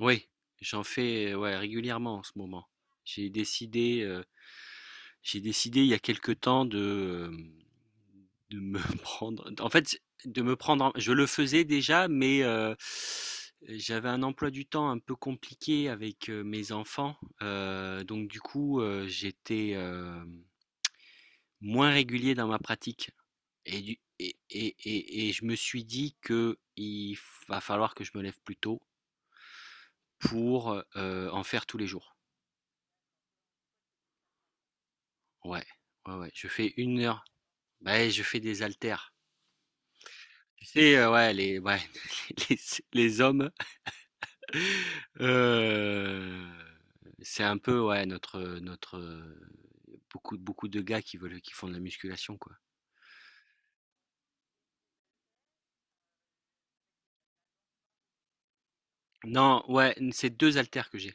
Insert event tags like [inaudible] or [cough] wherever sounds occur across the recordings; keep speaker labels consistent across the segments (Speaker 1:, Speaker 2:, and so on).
Speaker 1: Oui, j'en fais, ouais, régulièrement en ce moment. J'ai décidé, heu, j'ai décidé il y a quelque temps de, de me [laughs] prendre en fait, de me prendre en je le faisais déjà, mais j'avais un emploi du temps un peu compliqué avec, mes enfants, donc du coup, j'étais, moins régulier dans ma pratique et du et je me suis dit que il va falloir que je me lève plus tôt pour, en faire tous les jours. Ouais, ouais, ouais, je fais une heure. Bah, je fais des haltères. Tu sais, ouais, les ouais, [laughs] les les hommes, heu, c'est un peu, ouais, beaucoup de gars qui veulent qui font de la musculation, quoi. Non, ouais, c'est deux haltères que j'ai.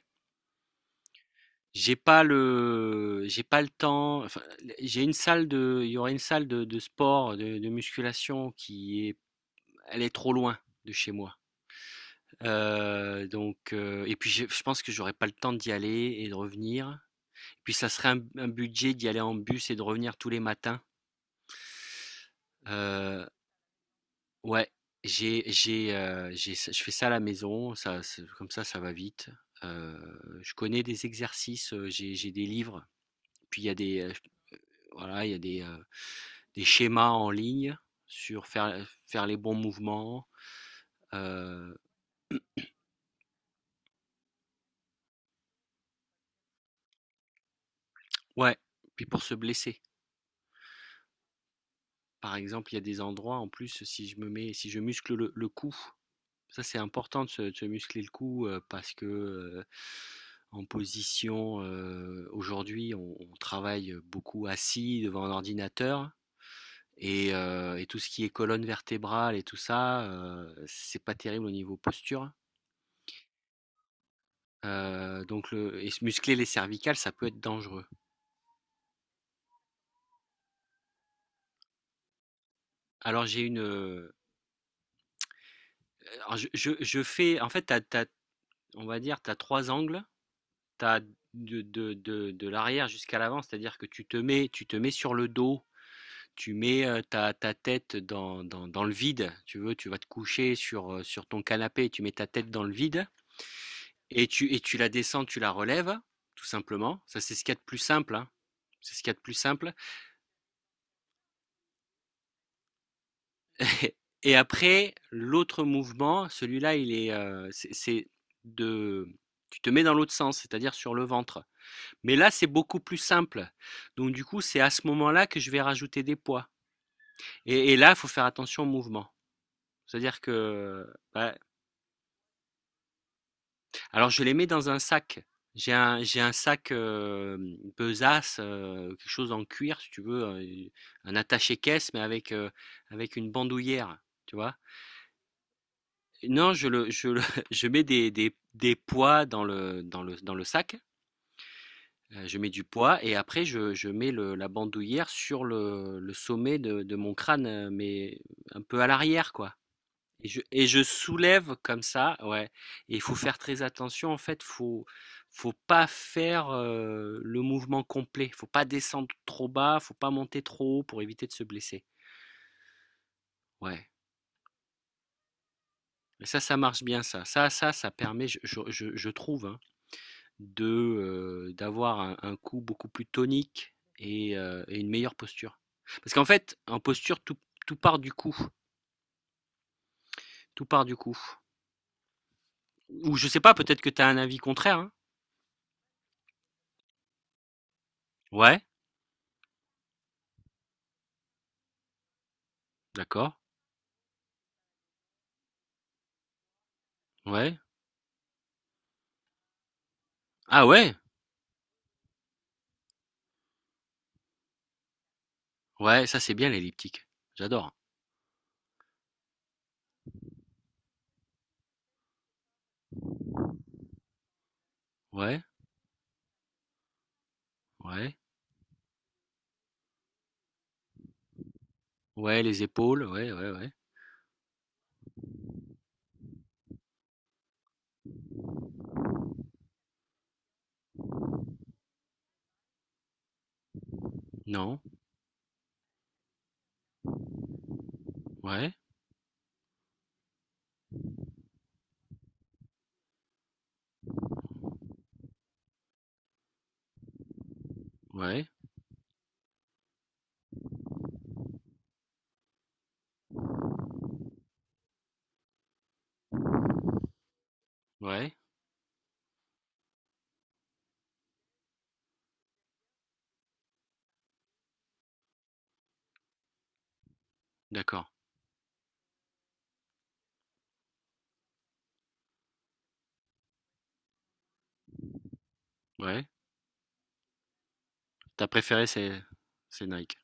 Speaker 1: J'ai pas le temps, enfin, j'ai une salle de il y aurait une salle de sport, de musculation qui est elle est trop loin de chez moi. Donc et puis je pense que j'aurais pas le temps d'y aller et de revenir. Puis ça serait un budget d'y aller en bus et de revenir tous les matins. Heu, ouais, j'ai je fais ça à la maison, ça se comme ça va vite. Je connais des exercices, j'ai des livres, puis il y a des, voilà, il y a des schémas en ligne sur faire les bons mouvements, heu, ouais, puis pour se blesser. Par exemple, il y a des endroits en plus, si je muscle le cou, ça c'est important de se muscler le cou, parce que, en position, aujourd'hui on travaille, beaucoup assis devant un ordinateur et tout ce qui est colonne vertébrale et tout ça, c'est pas terrible au niveau posture. Donc le et se muscler les cervicales, ça peut être dangereux. Alors j'ai une, alors je fais en fait tu as, on va dire, tu as trois angles, t'as de, de, l'arrière jusqu'à l'avant, c'est-à-dire que tu te mets sur le dos, tu mets ta tête dans le vide, tu veux, tu vas te coucher sur ton canapé, tu mets ta tête dans le vide, et tu la descends, tu la relèves, tout simplement. Ça, c'est ce qu'il y a de plus simple, hein. C'est ce qu'il y a de plus simple. [laughs] Et après, l'autre mouvement, celui-là, c'est de, tu te mets dans l'autre sens, c'est-à-dire sur le ventre. Mais là, c'est beaucoup plus simple. Donc, du coup, c'est à ce moment-là que je vais rajouter des poids. Et là, il faut faire attention au mouvement. C'est-à-dire que. Ouais. Alors, je les mets dans un sac. J'ai un sac, besace, quelque chose en cuir, si tu veux, un attaché-caisse, mais avec une bandoulière, tu vois. Non, [laughs] je mets des poids dans le sac. Je mets du poids et après je mets le la bandoulière sur le sommet de mon crâne, mais un peu à l'arrière quoi et je soulève comme ça, ouais, et il faut faire très attention en fait, faut pas faire, le mouvement complet. Faut pas descendre trop bas, faut pas monter trop haut pour éviter de se blesser. Ouais, mais ça marche bien ça. Ça permet, je trouve, hein, de, d'avoir un cou beaucoup plus tonique et une meilleure posture. Parce qu'en fait, en posture, tout part du cou, tout part du cou. Ou je sais pas, peut-être que tu as un avis contraire, hein? Ouais, d'accord, ouais. Ah ouais? Ouais, ça, c'est bien l'elliptique. J'adore. Ouais, ouais, ouais, les épaules, ouais, ouais, ouais. Non, ouais, ouais, ouais, d'accord, ouais. Ta préférée, c'est Nike.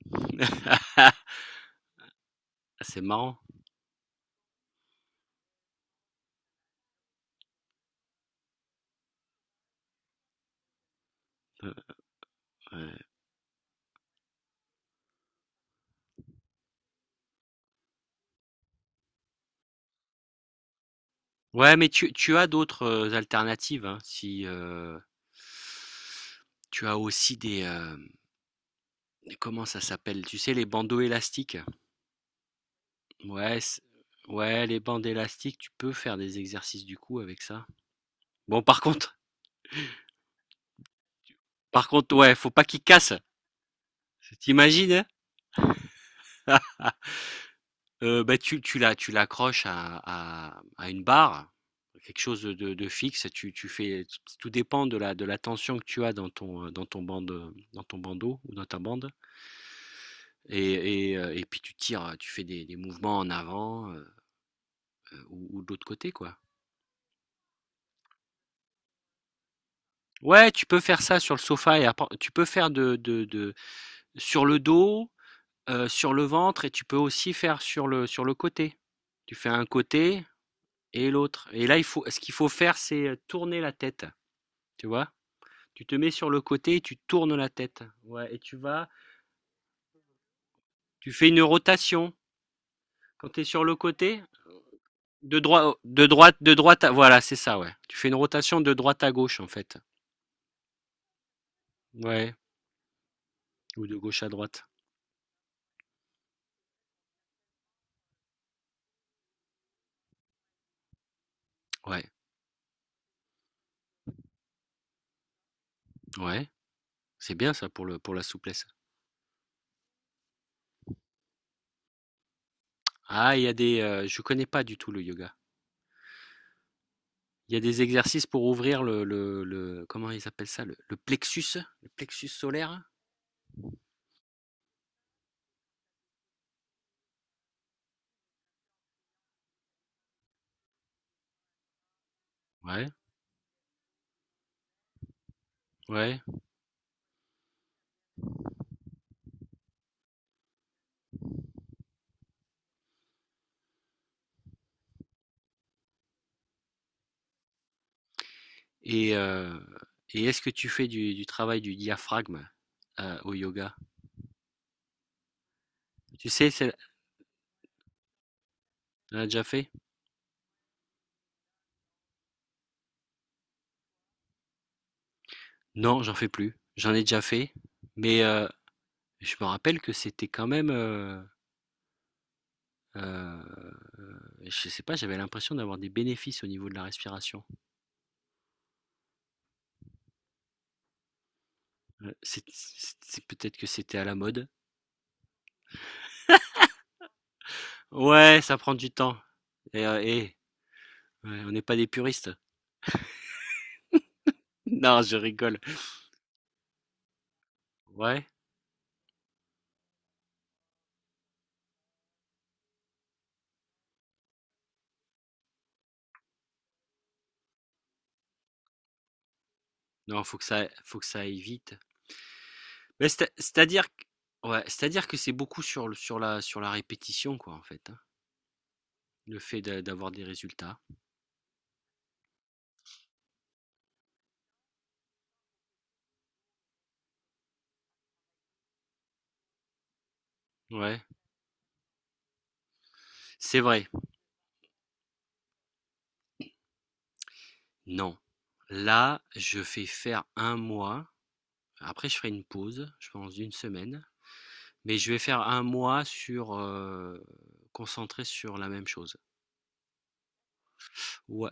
Speaker 1: [laughs] C'est marrant, ouais. Ouais, mais tu as d'autres, alternatives, hein, si, tu as aussi des, comment ça s'appelle? Tu sais, les bandeaux élastiques? Ouais, c ouais, les bandes élastiques, tu peux faire des exercices du cou avec ça. Bon, par contre, ouais, faut pas qu'ils cassent. T'imagines, bah, tu l'accroches à une barre, quelque chose de fixe, tu tu fais tout dépend de la tension que tu as dans ton bande, dans ton bandeau ou dans ta bande. Et puis tu tires, tu fais des mouvements en avant, ou de l'autre côté, quoi. Ouais, tu peux faire ça sur le sofa et apprend tu peux faire de sur le dos, sur le ventre et tu peux aussi faire sur le côté. Tu fais un côté et l'autre et là, il faut ce qu'il faut faire, c'est, tourner la tête, tu vois? Tu te mets sur le côté et tu tournes la tête. Ouais, et tu fais une rotation. Quand tu es sur le côté, de droi de droite à voilà, c'est ça, ouais. Tu fais une rotation de droite à gauche, en fait. Ouais, ou de gauche à droite. Ouais, ouais, c'est bien ça pour le pour la souplesse. Ah, il y a des, je connais pas du tout le yoga. Il y a des exercices pour ouvrir comment ils appellent ça, le plexus, le plexus solaire. Ouais, ouais. Et euh, et est-ce que tu fais du travail du diaphragme au yoga? Tu sais, on a déjà fait? Non, j'en fais plus. J'en ai déjà fait, mais je me rappelle que c'était quand même. Heu, je sais pas, j'avais l'impression d'avoir des bénéfices au niveau de la respiration. C'est peut-être que c'était à la mode. Ouais, ça prend du temps et ouais, on n'est pas des puristes. [laughs] Non, je rigole. Ouais, non, faut que ça aille vite. Mais c'est c'est-à-dire q ouais, c'est-à-dire que c'est beaucoup sur le sur la répétition quoi, en fait, hein, le fait de d'avoir des résultats. Ouais, c'est vrai. Non. Là, je fais faire un mois, après je ferai une pause, je pense d'une semaine. Mais je vais faire un mois sur concentré sur la même chose. Ouais.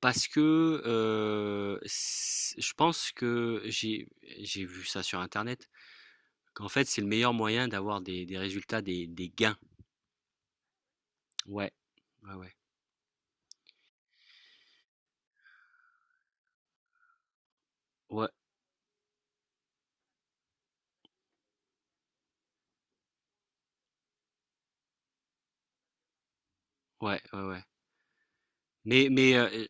Speaker 1: Parce que je pense que j'ai vu ça sur Internet, qu'en fait c'est le meilleur moyen d'avoir des résultats, des gains. Ouais, ouais, ouais, ouais, ouais, ouais. Ouais. Mais,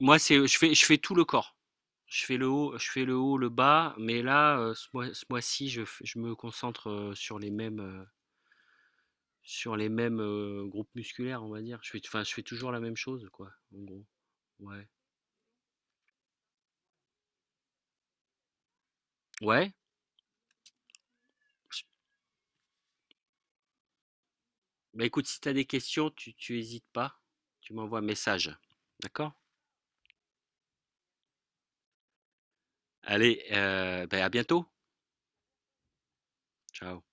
Speaker 1: moi c'est je fais tout le corps. Je fais le haut, le bas, mais là ce mois-ci je me concentre Sur les mêmes, groupes musculaires, on va dire. Je fais enfin, je fais toujours la même chose, quoi, en gros. Ouais. Ouais, j bah, écoute, si tu as des questions, tu hésites pas, tu m'envoies un message. D'accord? Allez, beh, à bientôt. Ciao.